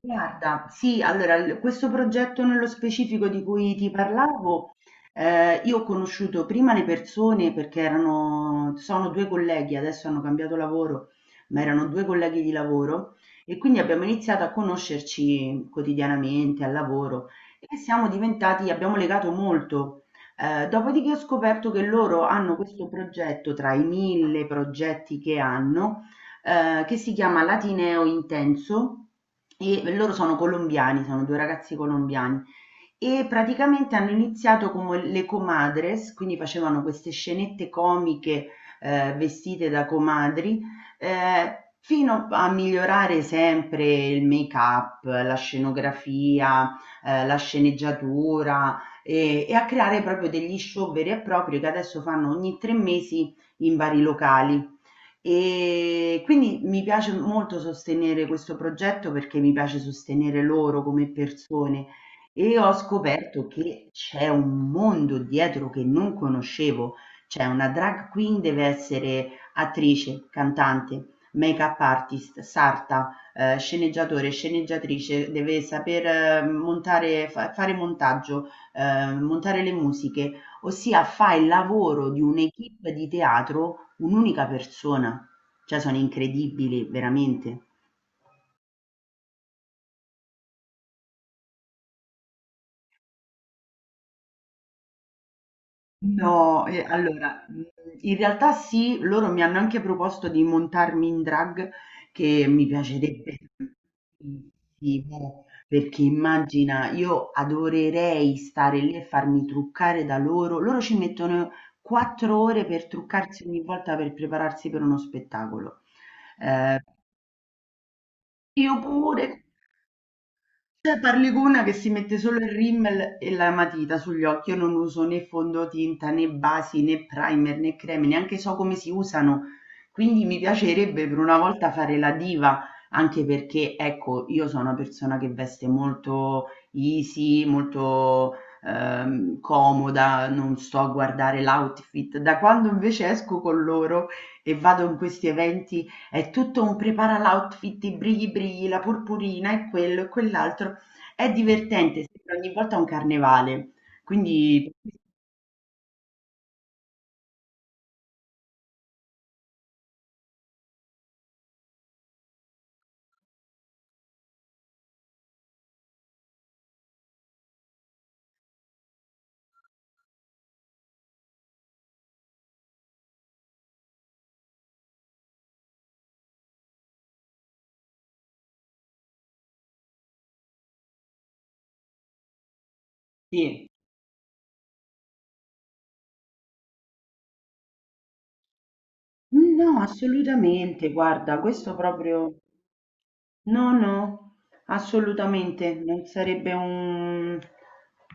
Guarda, sì, allora l questo progetto nello specifico di cui ti parlavo, io ho conosciuto prima le persone perché erano sono 2 colleghi. Adesso hanno cambiato lavoro, ma erano 2 colleghi di lavoro e quindi abbiamo iniziato a conoscerci quotidianamente al lavoro e siamo diventati abbiamo legato molto. Dopodiché ho scoperto che loro hanno questo progetto tra i 1000 progetti che hanno, che si chiama Latineo Intenso. E loro sono colombiani, sono due ragazzi colombiani e praticamente hanno iniziato come le comadres, quindi facevano queste scenette comiche vestite da comadri, fino a migliorare sempre il make-up, la scenografia, la sceneggiatura e a creare proprio degli show veri e propri che adesso fanno ogni 3 mesi in vari locali. E quindi mi piace molto sostenere questo progetto perché mi piace sostenere loro come persone e ho scoperto che c'è un mondo dietro che non conoscevo. Cioè, una drag queen deve essere attrice, cantante, make-up artist, sarta, sceneggiatore, sceneggiatrice, deve saper montare, fare montaggio, montare le musiche. Ossia fa il lavoro di un'équipe di teatro un'unica persona. Cioè, sono incredibili, veramente. No, e allora, in realtà sì, loro mi hanno anche proposto di montarmi in drag, che mi piacerebbe tantissimo, perché immagina, io adorerei stare lì e farmi truccare da loro. Loro ci mettono 4 ore per truccarsi ogni volta per prepararsi per uno spettacolo. Ehm, io pure. Cioè, parli con una che si mette solo il rímel e la matita sugli occhi. Io non uso né fondotinta, né basi, né primer, né creme, neanche so come si usano. Quindi mi piacerebbe per una volta fare la diva, anche perché, ecco, io sono una persona che veste molto easy, molto comoda, non sto a guardare l'outfit. Da quando invece esco con loro e vado in questi eventi è tutto un prepara l'outfit, i brighi brighi, la purpurina e quello e quell'altro. È divertente, sembra ogni volta un carnevale. Quindi sì. No, assolutamente, guarda, questo proprio. No, no, assolutamente, non sarebbe un,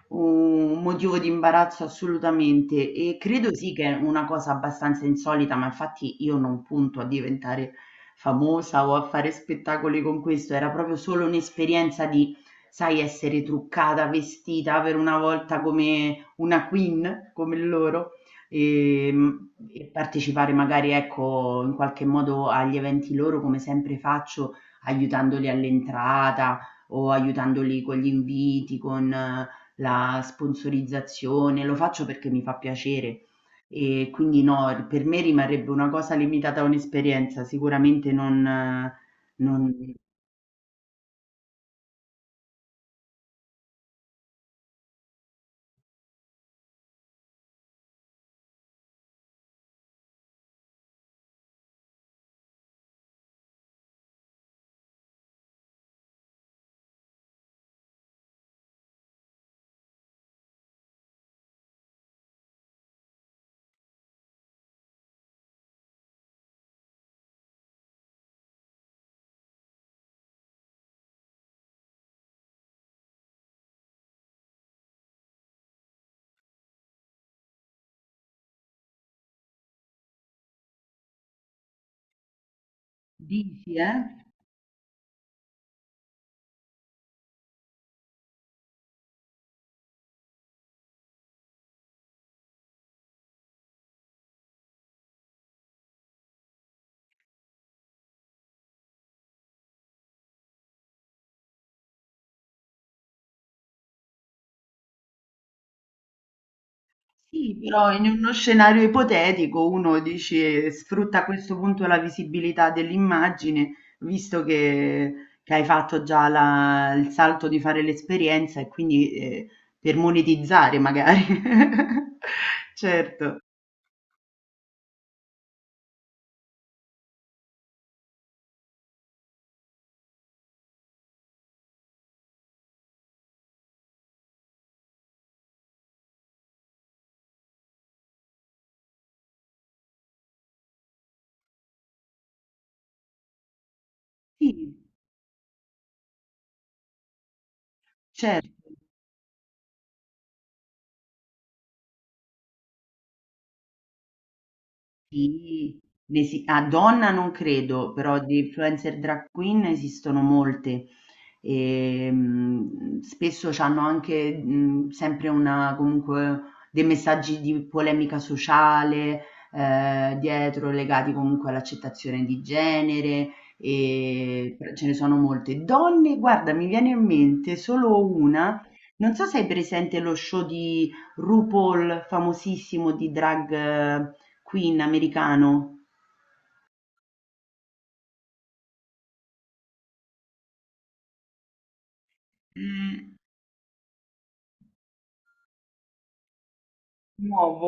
un motivo di imbarazzo assolutamente e credo sì che è una cosa abbastanza insolita, ma infatti io non punto a diventare famosa o a fare spettacoli con questo, era proprio solo un'esperienza di, sai, essere truccata, vestita per una volta come una queen, come loro. E, e partecipare magari ecco in qualche modo agli eventi loro come sempre faccio, aiutandoli all'entrata o aiutandoli con gli inviti, con la sponsorizzazione. Lo faccio perché mi fa piacere. E quindi no, per me rimarrebbe una cosa limitata a un'esperienza, sicuramente non, non... Dici, eh? Sì, però in uno scenario ipotetico uno dice sfrutta a questo punto la visibilità dell'immagine, visto che hai fatto già il salto di fare l'esperienza e quindi per monetizzare magari. Certo, sì, certo, sì. A donna non credo, però di influencer drag queen esistono molte. E, spesso c'hanno anche, sempre una comunque dei messaggi di polemica sociale, dietro legati comunque all'accettazione di genere, però ce ne sono molte. Donne, guarda, mi viene in mente solo una, non so se hai presente lo show di RuPaul, famosissimo di drag queen americano. Mh, Nuovo.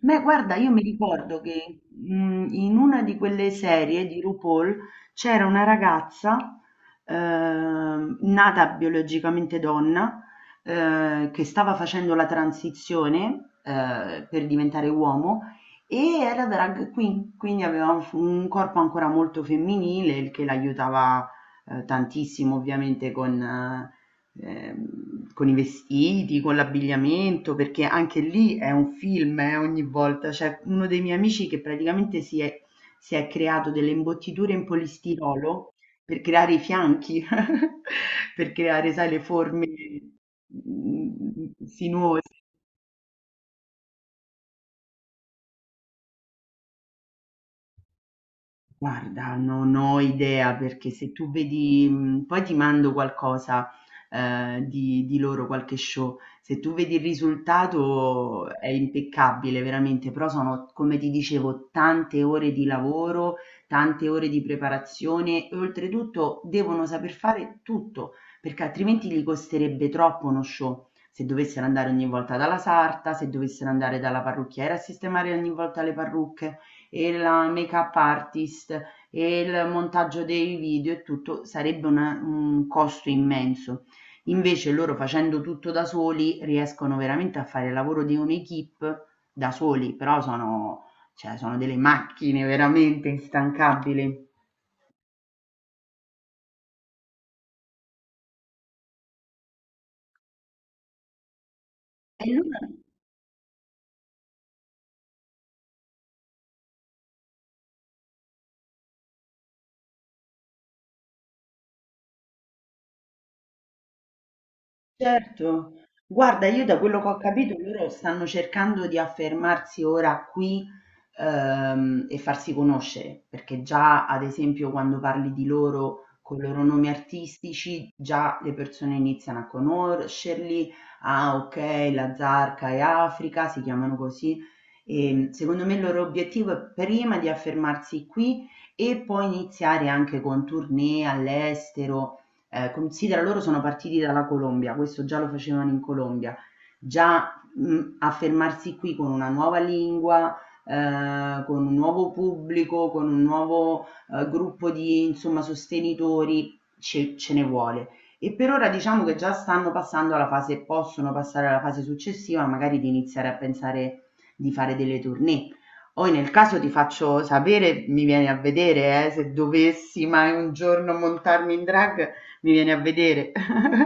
Beh, guarda, io mi ricordo che in una di quelle serie di RuPaul c'era una ragazza nata biologicamente donna, che stava facendo la transizione per diventare uomo e era drag queen, quindi aveva un corpo ancora molto femminile, il che l'aiutava tantissimo ovviamente con i vestiti, con l'abbigliamento, perché anche lì è un film, ogni volta. C'è uno dei miei amici che praticamente si è creato delle imbottiture in polistirolo per creare i fianchi, per creare, sai, le forme mm, sinuose. Guarda, non ho idea, perché se tu vedi poi ti mando qualcosa, di loro, qualche show. Se tu vedi, il risultato è impeccabile veramente, però sono, come ti dicevo, tante ore di lavoro, tante ore di preparazione e oltretutto devono saper fare tutto, perché altrimenti gli costerebbe troppo uno show. Se dovessero andare ogni volta dalla sarta, se dovessero andare dalla parrucchiera a sistemare ogni volta le parrucche e la make-up artist e il montaggio dei video e tutto, sarebbe un costo immenso. Invece loro, facendo tutto da soli, riescono veramente a fare il lavoro di un'equipe da soli, però sono, cioè, sono delle macchine veramente instancabili. E loro Certo, guarda, io da quello che ho capito loro stanno cercando di affermarsi ora qui, e farsi conoscere, perché già ad esempio quando parli di loro con i loro nomi artistici, già le persone iniziano a conoscerli. Ah, ok, la Zarca e Africa si chiamano così, e secondo me il loro obiettivo è prima di affermarsi qui e poi iniziare anche con tournée all'estero. Considera loro sono partiti dalla Colombia, questo già lo facevano in Colombia. Già affermarsi qui con una nuova lingua, con un nuovo pubblico, con un nuovo gruppo di, insomma, sostenitori, ce ne vuole. E per ora diciamo che già stanno passando alla fase, possono passare alla fase successiva, magari di iniziare a pensare di fare delle tournée. Poi nel caso ti faccio sapere, mi vieni a vedere, se dovessi mai un giorno montarmi in drag, mi viene a vedere.